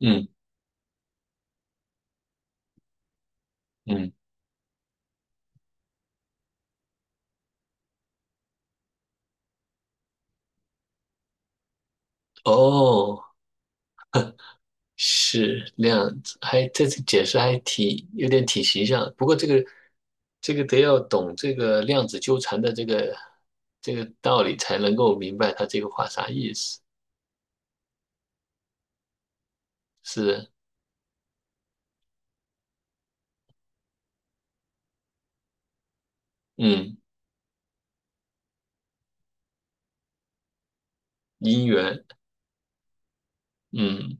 嗯嗯，哦，是量子，还这次解释还挺有点挺形象的。不过这个得要懂这个量子纠缠的这个道理，才能够明白他这个话啥意思。是，嗯，因缘，嗯，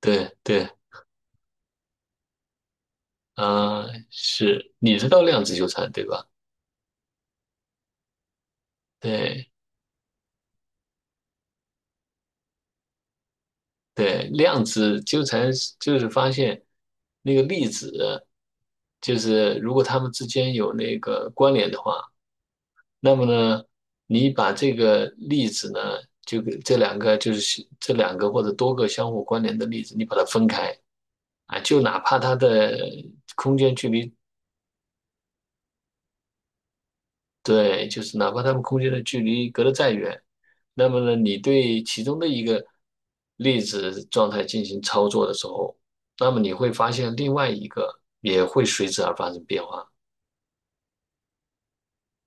对对，啊、是，你知道量子纠缠对吧？对对，量子纠缠就是发现那个粒子，就是如果它们之间有那个关联的话。那么呢，你把这个例子呢，就给这两个或者多个相互关联的例子，你把它分开啊，就哪怕它的空间距离，对，就是哪怕它们空间的距离隔得再远，那么呢，你对其中的一个粒子状态进行操作的时候，那么你会发现另外一个也会随之而发生变化，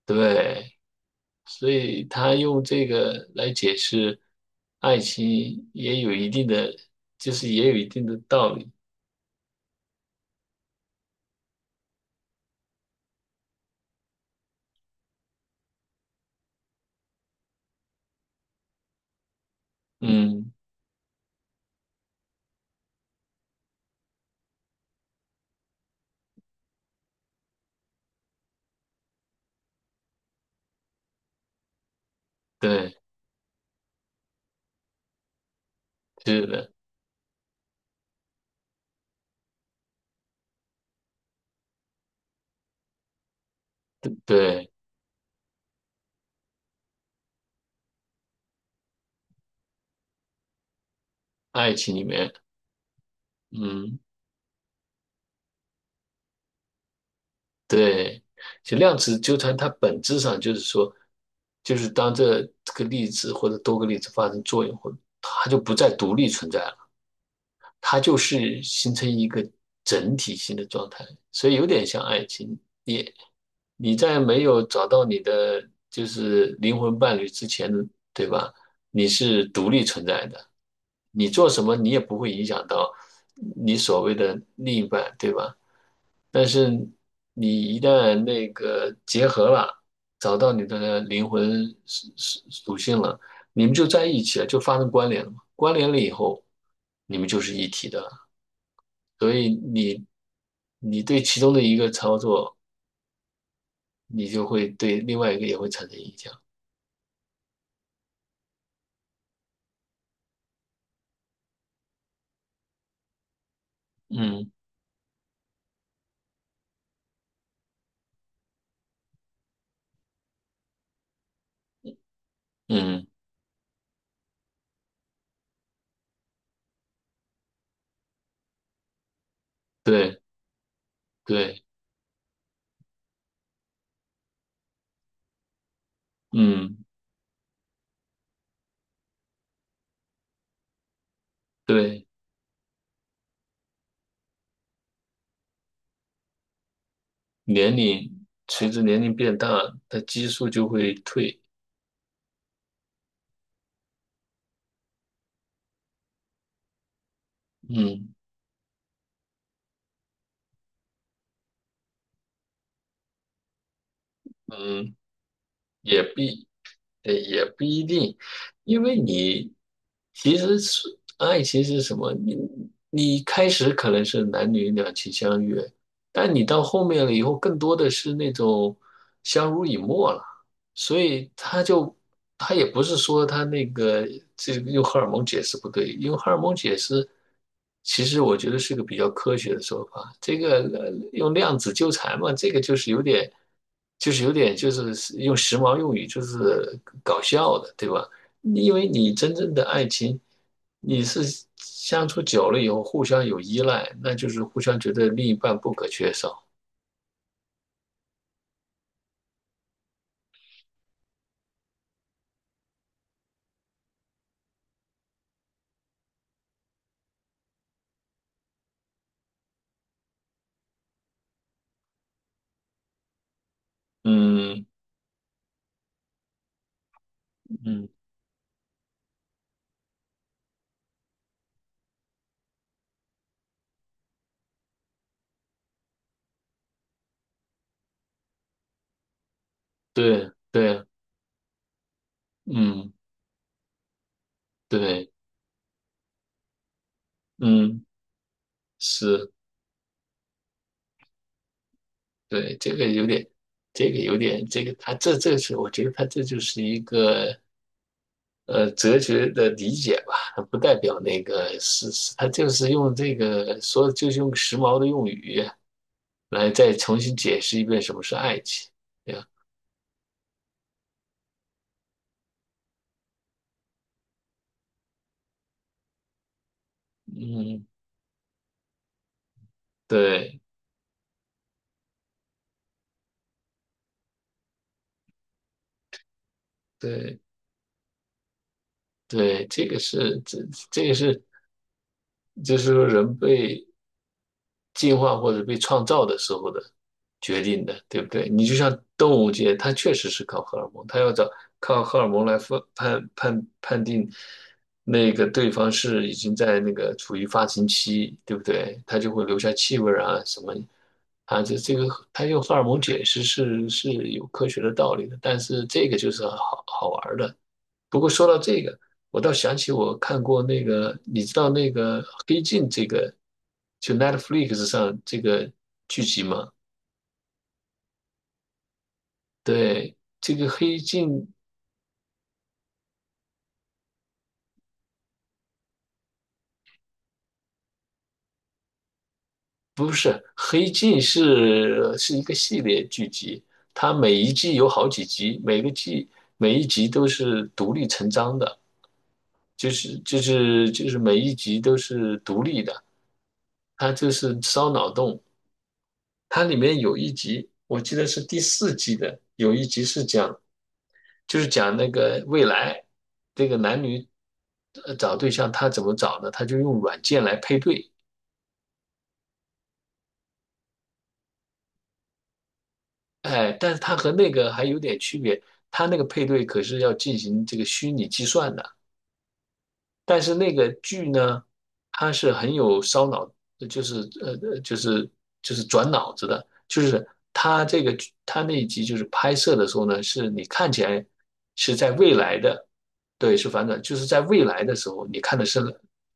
对。所以他用这个来解释爱情，也有一定的，就是也有一定的道理。嗯，对，是的，对，爱情里面，嗯，对，就量子纠缠，它本质上就是说，就是当这个粒子或者多个粒子发生作用后，它就不再独立存在了。它就是形成一个整体性的状态，所以有点像爱情。你你在没有找到你的就是灵魂伴侣之前，对吧？你是独立存在的，你做什么你也不会影响到你所谓的另一半，对吧？但是你一旦那个结合了，找到你的灵魂属性了，你们就在一起了，就发生关联了嘛。关联了以后，你们就是一体的了。所以你对其中的一个操作，你就会对另外一个也会产生影响。嗯嗯，对对，嗯对，年龄随着年龄变大，它激素就会退。嗯嗯，也必也不一定，因为你其实是爱情是什么？你开始可能是男女两情相悦，但你到后面了以后，更多的是那种相濡以沫了。所以他也不是说他那个这个用荷尔蒙解释不对，用荷尔蒙解释，其实我觉得是个比较科学的说法。这个用量子纠缠嘛，这个就是有点，就是用时髦用语就是搞笑的，对吧？因为你真正的爱情，你是相处久了以后互相有依赖，那就是互相觉得另一半不可缺少。嗯嗯，对对，嗯对。嗯，是，对，这个有点，这个他这是，我觉得他这就是一个哲学的理解吧，它不代表那个是，他就是用这个说，就是用时髦的用语来再重新解释一遍什么是爱情，对吧？嗯，对对对，这个是这个是，就是说人被进化或者被创造的时候的决定的，对不对？你就像动物界，它确实是靠荷尔蒙，它要找靠荷尔蒙来分判定那个对方是已经在那个处于发情期，对不对？它就会留下气味啊什么啊，这个它用荷尔蒙解释是有科学的道理的，但是这个就是好好玩儿的，不过说到这个，我倒想起我看过那个，你知道那个《黑镜》这个，就 Netflix 上这个剧集吗？对，这个《黑镜》不是，《黑镜》是一个系列剧集，它每一季有好几集，每个季每一集都是独立成章的，就是每一集都是独立的，它就是烧脑洞。它里面有一集，我记得是第四季的，有一集是讲。就是讲那个未来这个男女找对象，他怎么找呢？他就用软件来配对，哎，但是他和那个还有点区别，他那个配对可是要进行这个虚拟计算的。但是那个剧呢，它是很有烧脑，就是就是转脑子的，就是它这个它那一集就是拍摄的时候呢，是你看起来是在未来的，对，是反转，就是在未来的时候，你看的是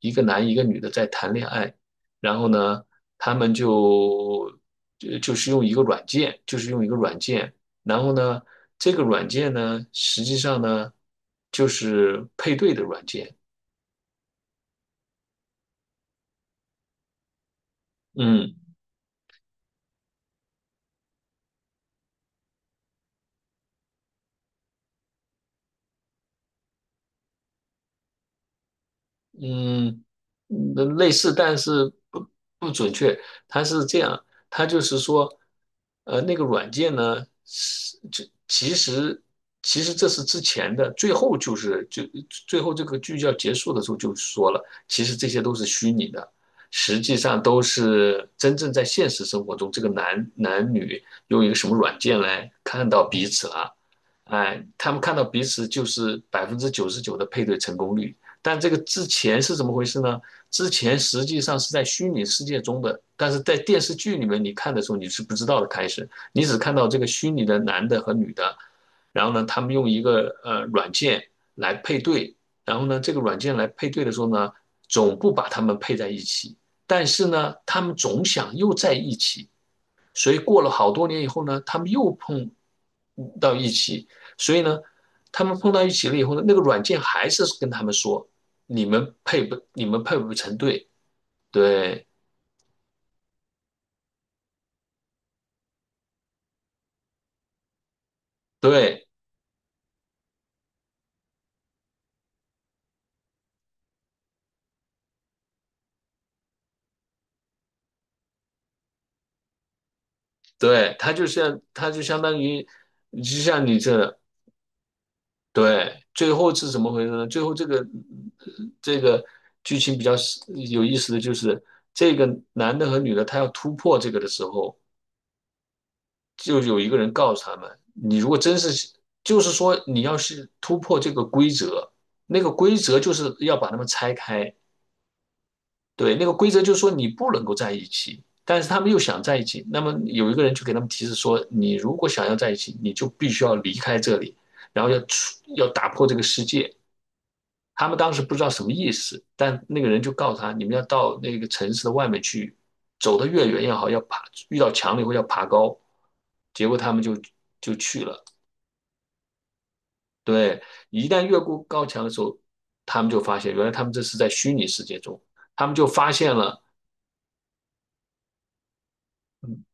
一个男一个女的在谈恋爱，然后呢，他们就是用一个软件，就是用一个软件。然后呢，这个软件呢，实际上呢，就是配对的软件，嗯嗯，嗯类似，但是不准确。它是这样，它就是说，呃，那个软件呢，是这其实这是之前的，最后就是最后这个剧要结束的时候就说了，其实这些都是虚拟的，实际上都是真正在现实生活中，这个男女用一个什么软件来看到彼此了。哎，他们看到彼此就是99%的配对成功率，但这个之前是怎么回事呢？之前实际上是在虚拟世界中的，但是在电视剧里面你看的时候你是不知道的。开始你只看到这个虚拟的男的和女的，然后呢，他们用一个软件来配对，然后呢，这个软件来配对的时候呢，总不把他们配在一起，但是呢，他们总想又在一起，所以过了好多年以后呢，他们又碰到一起，所以呢，他们碰到一起了以后呢，那个软件还是跟他们说，你们配不成对，对对对，他就像他就相当于，就像你这，对，最后是怎么回事呢？最后这个这个剧情比较有意思的就是，这个男的和女的他要突破这个的时候，就有一个人告诉他们，你如果真是，就是说你要是突破这个规则，那个规则就是要把他们拆开，对，那个规则就是说你不能够在一起，但是他们又想在一起，那么有一个人就给他们提示说，你如果想要在一起，你就必须要离开这里，然后要打破这个世界。他们当时不知道什么意思，但那个人就告诉他，你们要到那个城市的外面去，走得越远越好，要爬，遇到墙了以后要爬高。结果他们就去了。对，一旦越过高墙的时候，他们就发现，原来他们这是在虚拟世界中，他们就发现了，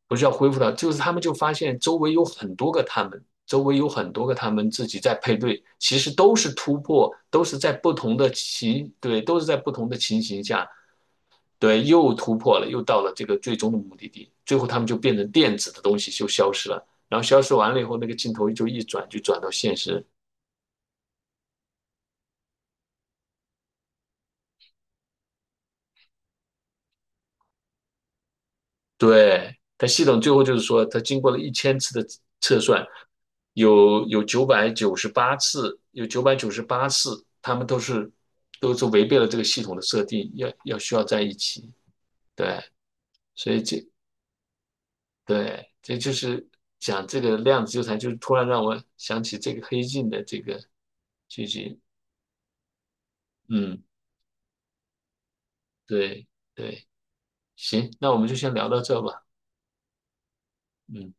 不是要恢复到，就是他们就发现周围有很多个他们，周围有很多个他们自己在配对，其实都是突破，都是在不同的情，对，都是在不同的情形下，对，又突破了，又到了这个最终的目的地，最后他们就变成电子的东西就消失了，然后消失完了以后，那个镜头就一转，就转到现实。对，它系统最后就是说，它经过了1000次的测算，有九百九十八次，他们都是违背了这个系统的设定，要需要在一起。对，所以这，对，这就是讲这个量子纠缠，就是突然让我想起这个黑镜的这个剧集。嗯，对对，行，那我们就先聊到这吧。嗯。